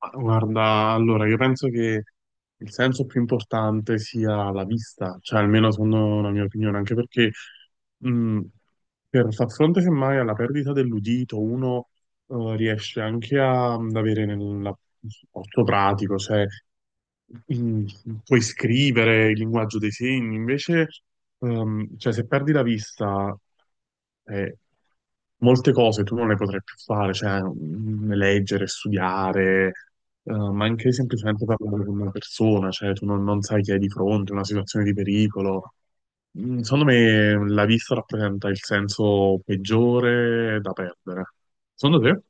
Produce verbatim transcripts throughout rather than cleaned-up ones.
Ma guarda, allora, io penso che il senso più importante sia la vista, cioè almeno secondo la mia opinione, anche perché mh, per far fronte semmai alla perdita dell'udito, uno eh, riesce anche a- ad avere nel un supporto pratico, cioè mm, puoi scrivere il linguaggio dei segni, invece ehm, cioè, se perdi la vista eh, molte cose tu non le potrai più fare, cioè mm, leggere, studiare, eh, ma anche semplicemente parlare con una persona, cioè tu non, non sai chi hai di fronte, una situazione di pericolo. Mm, secondo me la vista rappresenta il senso peggiore da perdere. Secondo te?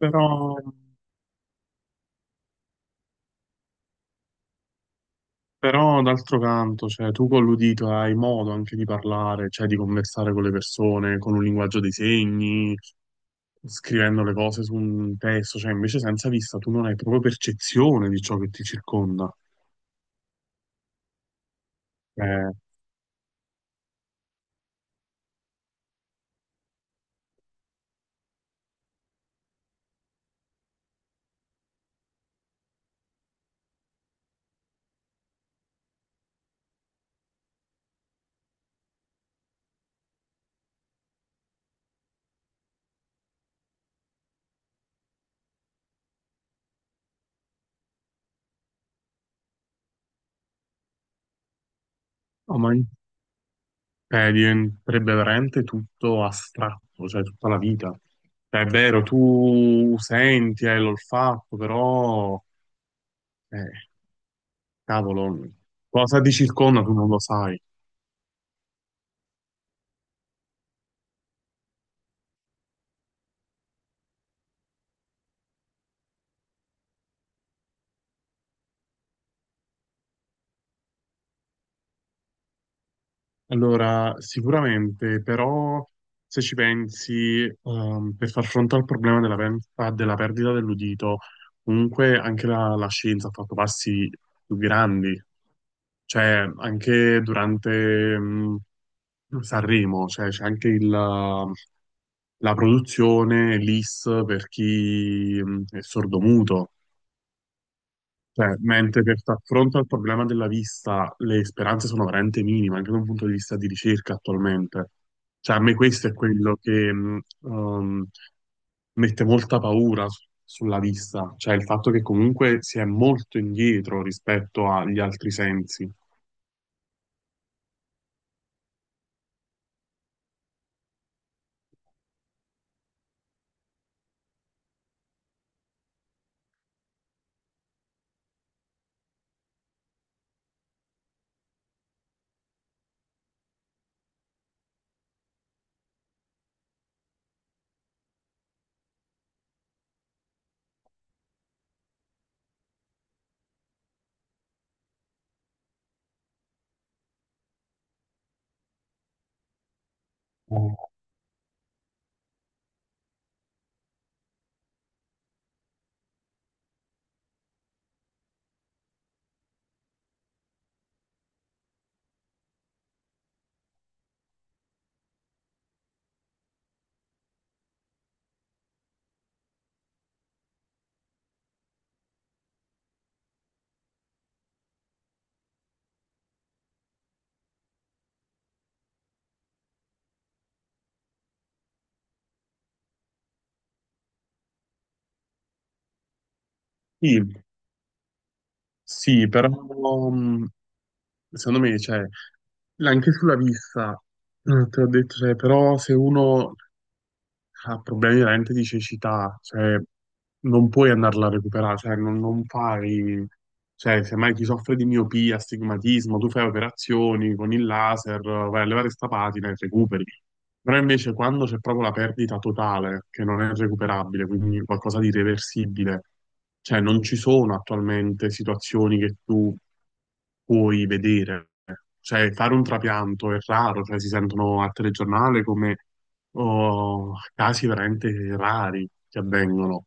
Però, però d'altro canto, cioè, tu con l'udito hai modo anche di parlare, cioè di conversare con le persone, con un linguaggio dei segni, scrivendo le cose su un testo, cioè invece senza vista tu non hai proprio percezione di ciò che ti circonda. Eh, no, ma eh, diventerebbe veramente tutto astratto, cioè tutta la vita. Cioè, è vero, tu senti, hai l'olfatto, però, eh, cavolo, cosa ti circonda tu non lo sai. Allora, sicuramente, però, se ci pensi, ehm, per far fronte al problema della, pen- ah, della perdita dell'udito, comunque anche la, la scienza ha fatto passi più grandi, cioè anche durante, mm, Sanremo, cioè c'è anche il la produzione, l'I S per chi mh, è sordomuto. Cioè, mentre per far fronte al problema della vista le speranze sono veramente minime, anche da un punto di vista di ricerca attualmente. Cioè, a me questo è quello che mh, um, mette molta paura su- sulla vista, cioè il fatto che comunque si è molto indietro rispetto agli altri sensi. Eh, Sì, sì, però mm, secondo me, cioè, anche sulla vista, eh, te l'ho detto, cioè, però se uno ha problemi veramente di cecità, cioè non puoi andarla a recuperare, cioè non, non fai, cioè semmai chi soffre di miopia, astigmatismo, tu fai operazioni con il laser, vai a levare sta patina e recuperi. Però invece quando c'è proprio la perdita totale, che non è recuperabile, quindi qualcosa di irreversibile, cioè non ci sono attualmente situazioni che tu puoi vedere. Cioè, fare un trapianto è raro, cioè si sentono al telegiornale come o casi veramente rari che avvengono.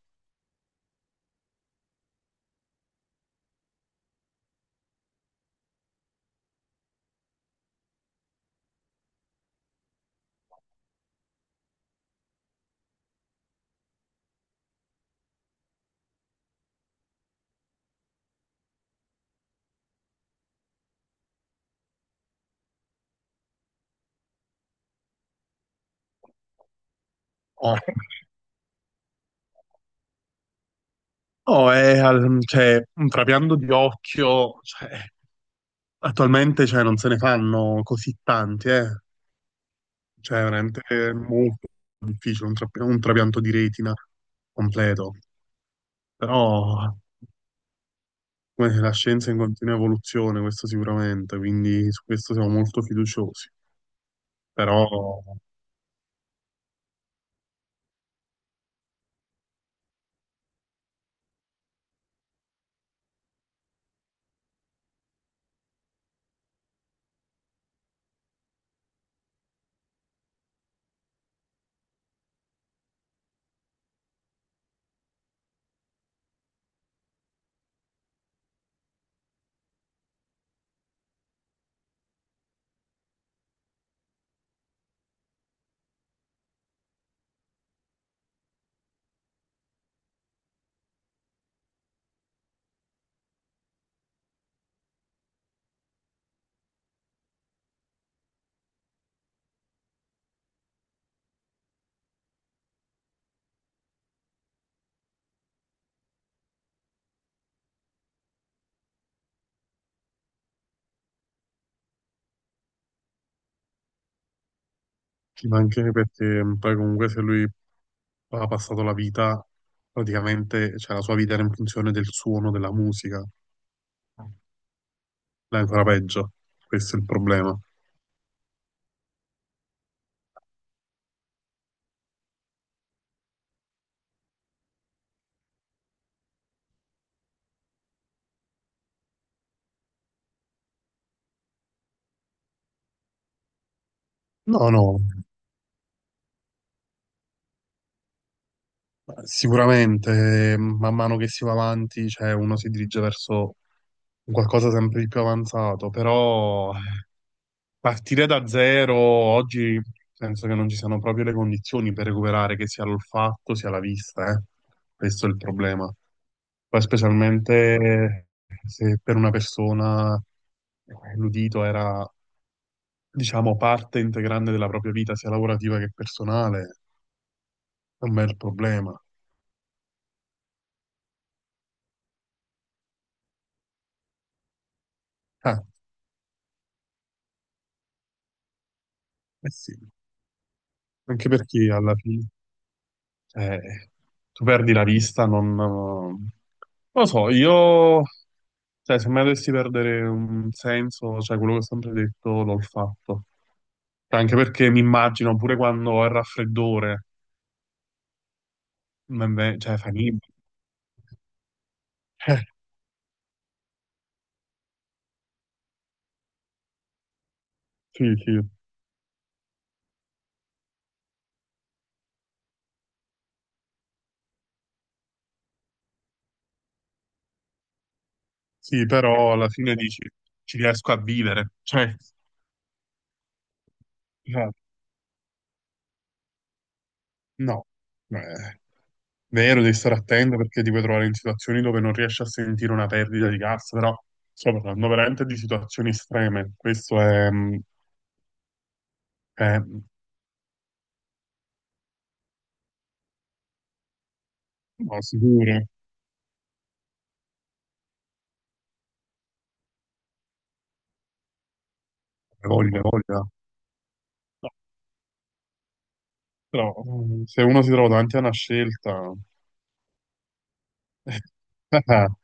Eh, Oh, è al- cioè, un trapianto di occhio, cioè, attualmente cioè, non se ne fanno così tanti, eh. Cioè, veramente è molto difficile un, trap- un trapianto di retina completo. Però eh, la scienza è in continua evoluzione, questo sicuramente, quindi su questo siamo molto fiduciosi. Però ci mancherebbe perché poi comunque se lui ha passato la vita praticamente, cioè la sua vita era in funzione del suono della musica, è ancora peggio, questo è il problema. No, no, sicuramente man mano che si va avanti, cioè uno si dirige verso un qualcosa sempre di più avanzato, però partire da zero oggi penso che non ci siano proprio le condizioni per recuperare che sia l'olfatto sia la vista, eh. Questo è il problema. Poi specialmente se per una persona eh, l'udito era, diciamo, parte integrante della propria vita, sia lavorativa che personale, è un bel problema. Eh, eh sì, anche perché alla fine, cioè, tu perdi la vista, non... Non lo so, io, cioè, se mai dovessi perdere un senso, cioè, quello che ho sempre detto, l'ho fatto. Cioè, anche perché mi immagino, pure quando ho il raffreddore, me- me- cioè, fa niente. Eh, sì, sì. Sì, però alla fine dici, ci riesco a vivere. Cioè, no, no. Eh, vero, devi stare attento perché ti puoi trovare in situazioni dove non riesci a sentire una perdita di cassa, però sto parlando veramente di situazioni estreme. Questo è, mh, è, mh, no, sicuro, hai voglia, hai voglia. No, però mh, se uno si trova davanti a una scelta,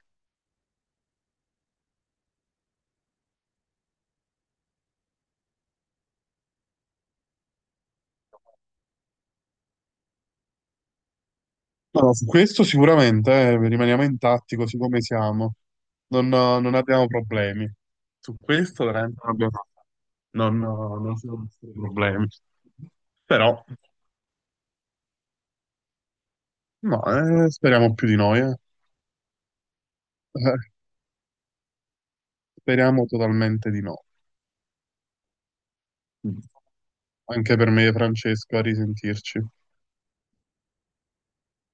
no, no, su questo sicuramente eh, rimaniamo intatti così come siamo, non, non abbiamo problemi. Su questo veramente non abbiamo, non, non ci sono nessun problemi. Però, no, eh, speriamo più di noi, eh. Eh, speriamo totalmente di no. Anche per me, Francesco, a risentirci.